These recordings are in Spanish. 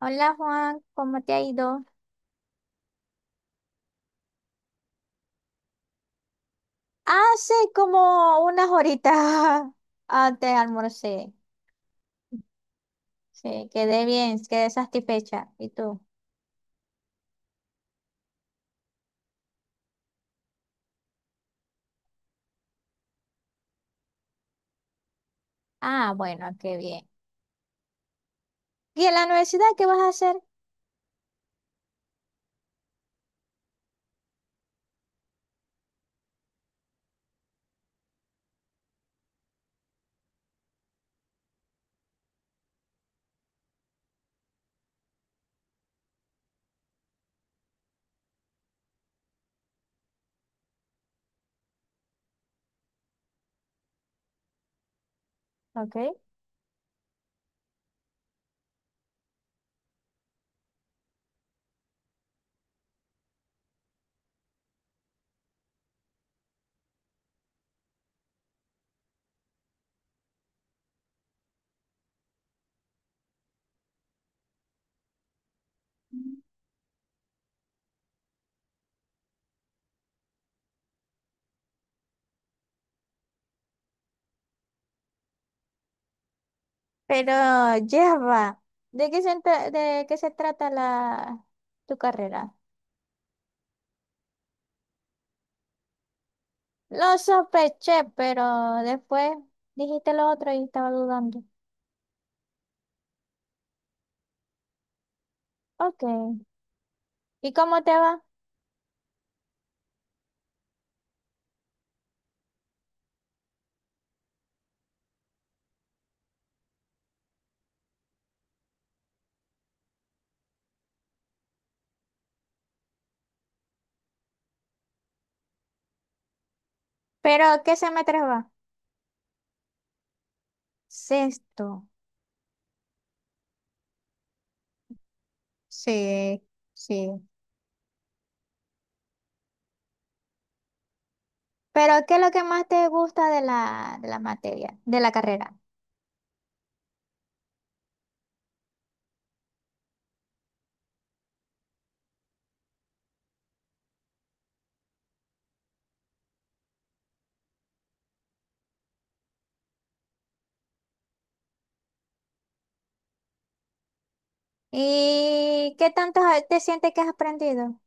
Hola Juan, ¿cómo te ha ido? Hace como unas horitas antes almorcé. Sí, quedé bien, quedé satisfecha. ¿Y tú? Ah, bueno, qué bien. ¿Y en la universidad qué vas a hacer? Ok. Pero ya va. ¿De qué se, de qué se trata tu carrera? Lo sospeché, pero después dijiste lo otro y estaba dudando. Ok. ¿Y cómo te va? ¿Pero qué semestre va? Sexto. Sí, sí. Pero ¿qué es lo que más te gusta de de la materia, de la carrera? ¿Y qué tanto te sientes que has aprendido?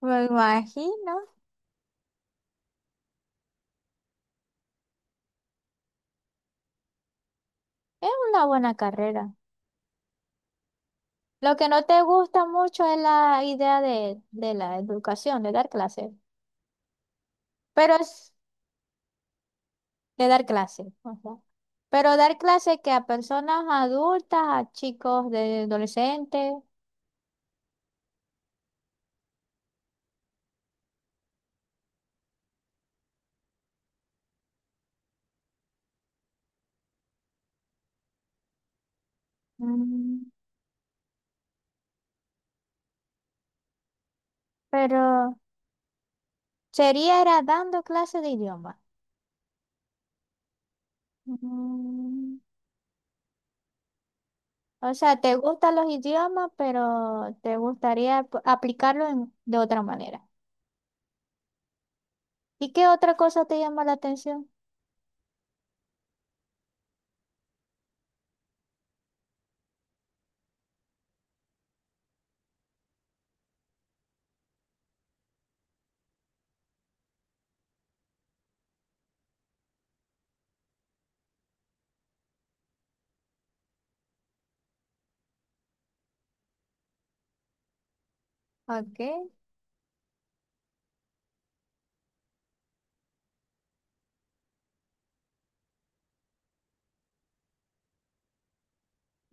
Me imagino, es una buena carrera. Lo que no te gusta mucho es la idea de la educación, de dar clases. Pero es de dar clases. Pero dar clases que a personas adultas, a chicos de adolescentes. Mm, pero sería era dando clases de idioma. Mm. O sea, te gustan los idiomas, pero te gustaría aplicarlo de otra manera. ¿Y qué otra cosa te llama la atención? Ok.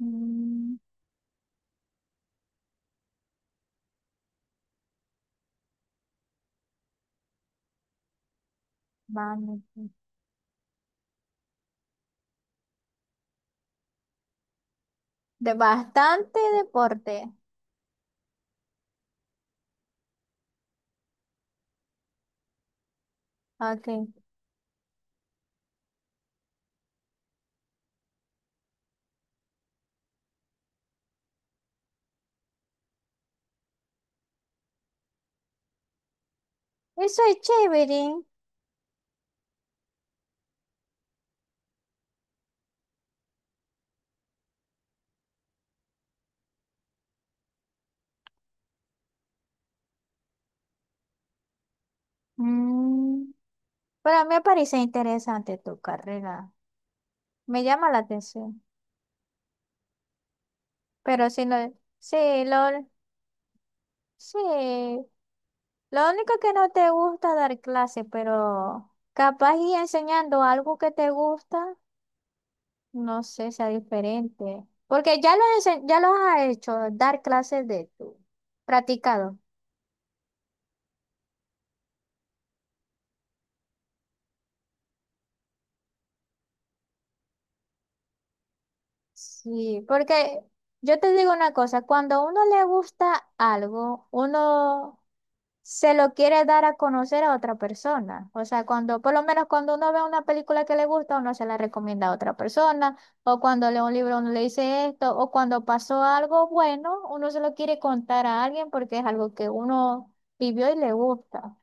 Mm, vale. De bastante deporte. Ok. Eso es chévere. Mm. Pero me parece interesante tu carrera. Me llama la atención. Pero si no, sí, lo, sí. Lo único que no te gusta dar clase, pero capaz y enseñando algo que te gusta, no sé, sea diferente. Porque ya lo, ya lo has hecho, dar clases de tú, practicado. Sí, porque yo te digo una cosa, cuando a uno le gusta algo, uno se lo quiere dar a conocer a otra persona. O sea, cuando, por lo menos cuando uno ve una película que le gusta, uno se la recomienda a otra persona, o cuando lee un libro, uno le dice esto, o cuando pasó algo bueno, uno se lo quiere contar a alguien porque es algo que uno vivió y le gusta.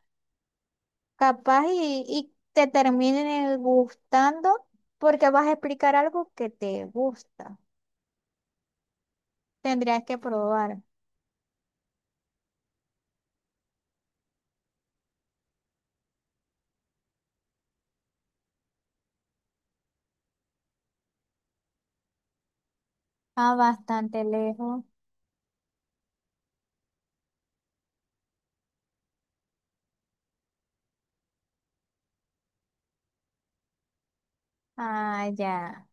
Capaz y te termine gustando porque vas a explicar algo que te gusta. Tendrías que probar. Ah, bastante lejos. Ah, ya.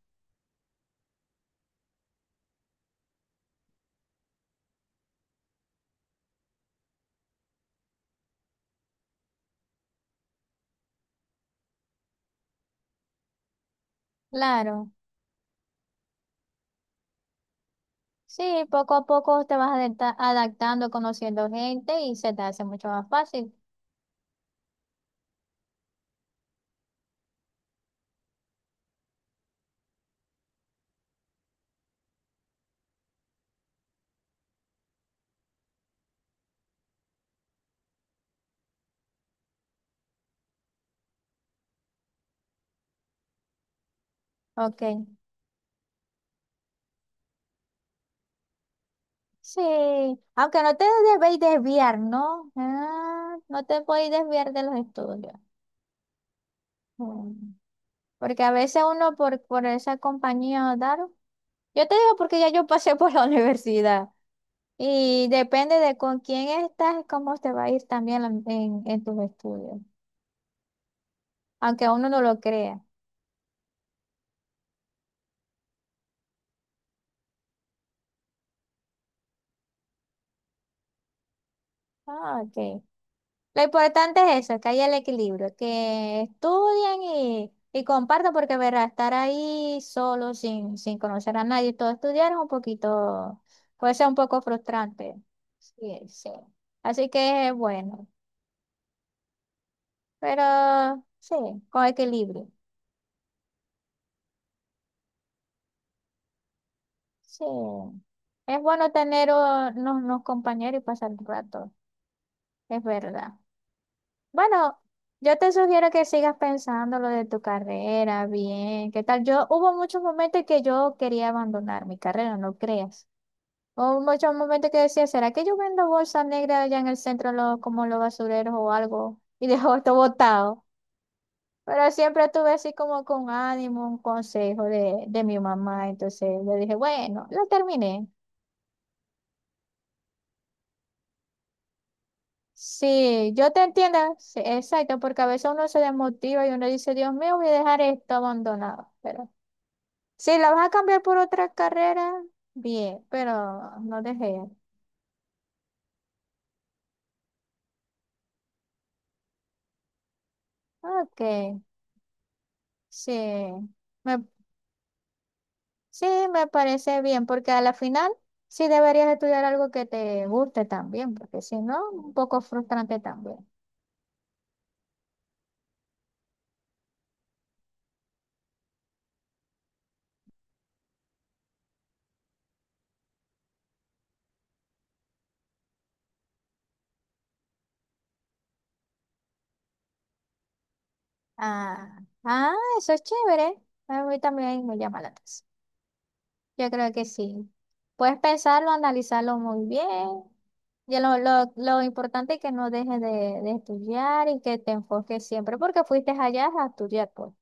Claro. Sí, poco a poco te vas adaptando, conociendo gente y se te hace mucho más fácil. Ok, sí, aunque no te debéis desviar, ¿no? Ah, no te podéis desviar de los estudios. Mm. Porque a veces uno por esa compañía, dar, yo te digo porque ya yo pasé por la universidad y depende de con quién estás, cómo te va a ir también en tus estudios, aunque uno no lo crea. Ah, ok. Lo importante es eso, que haya el equilibrio, que estudien y compartan, porque verá, estar ahí solo, sin conocer a nadie, todo estudiar es un poquito, puede ser un poco frustrante. Sí, sí. Así que es bueno, pero sí, con equilibrio. Sí. Es bueno tener unos compañeros y pasar el rato, es verdad. Bueno, yo te sugiero que sigas pensando lo de tu carrera, bien, ¿qué tal? Yo hubo muchos momentos que yo quería abandonar mi carrera, no creas. Hubo muchos momentos que decía, ¿será que yo vendo bolsa negra allá en el centro como los basureros o algo? Y dejo esto botado. Pero siempre estuve así como con ánimo, un consejo de mi mamá. Entonces le dije, bueno, lo terminé. Sí, yo te entiendo, sí, exacto, porque a veces uno se desmotiva y uno dice, Dios mío, voy a dejar esto abandonado. Pero si la vas a cambiar por otra carrera, bien, pero no dejé. Ok, sí. Me, sí, me parece bien, porque a la final sí deberías estudiar algo que te guste también, porque si no, un poco frustrante también. Ah, ah, eso es chévere. A mí también me llama la atención. Yo creo que sí. Puedes pensarlo, analizarlo muy bien. Y lo importante es que no dejes de estudiar y que te enfoques siempre, porque fuiste allá a estudiar, pues.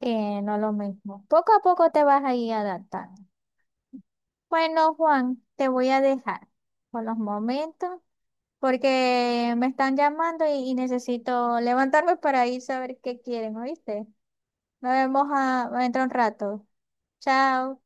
No lo mismo. Poco a poco te vas a ir adaptando. Bueno, Juan, te voy a dejar por los momentos porque me están llamando y necesito levantarme para ir a ver qué quieren, ¿oíste? Nos vemos a, dentro de un rato. Chao.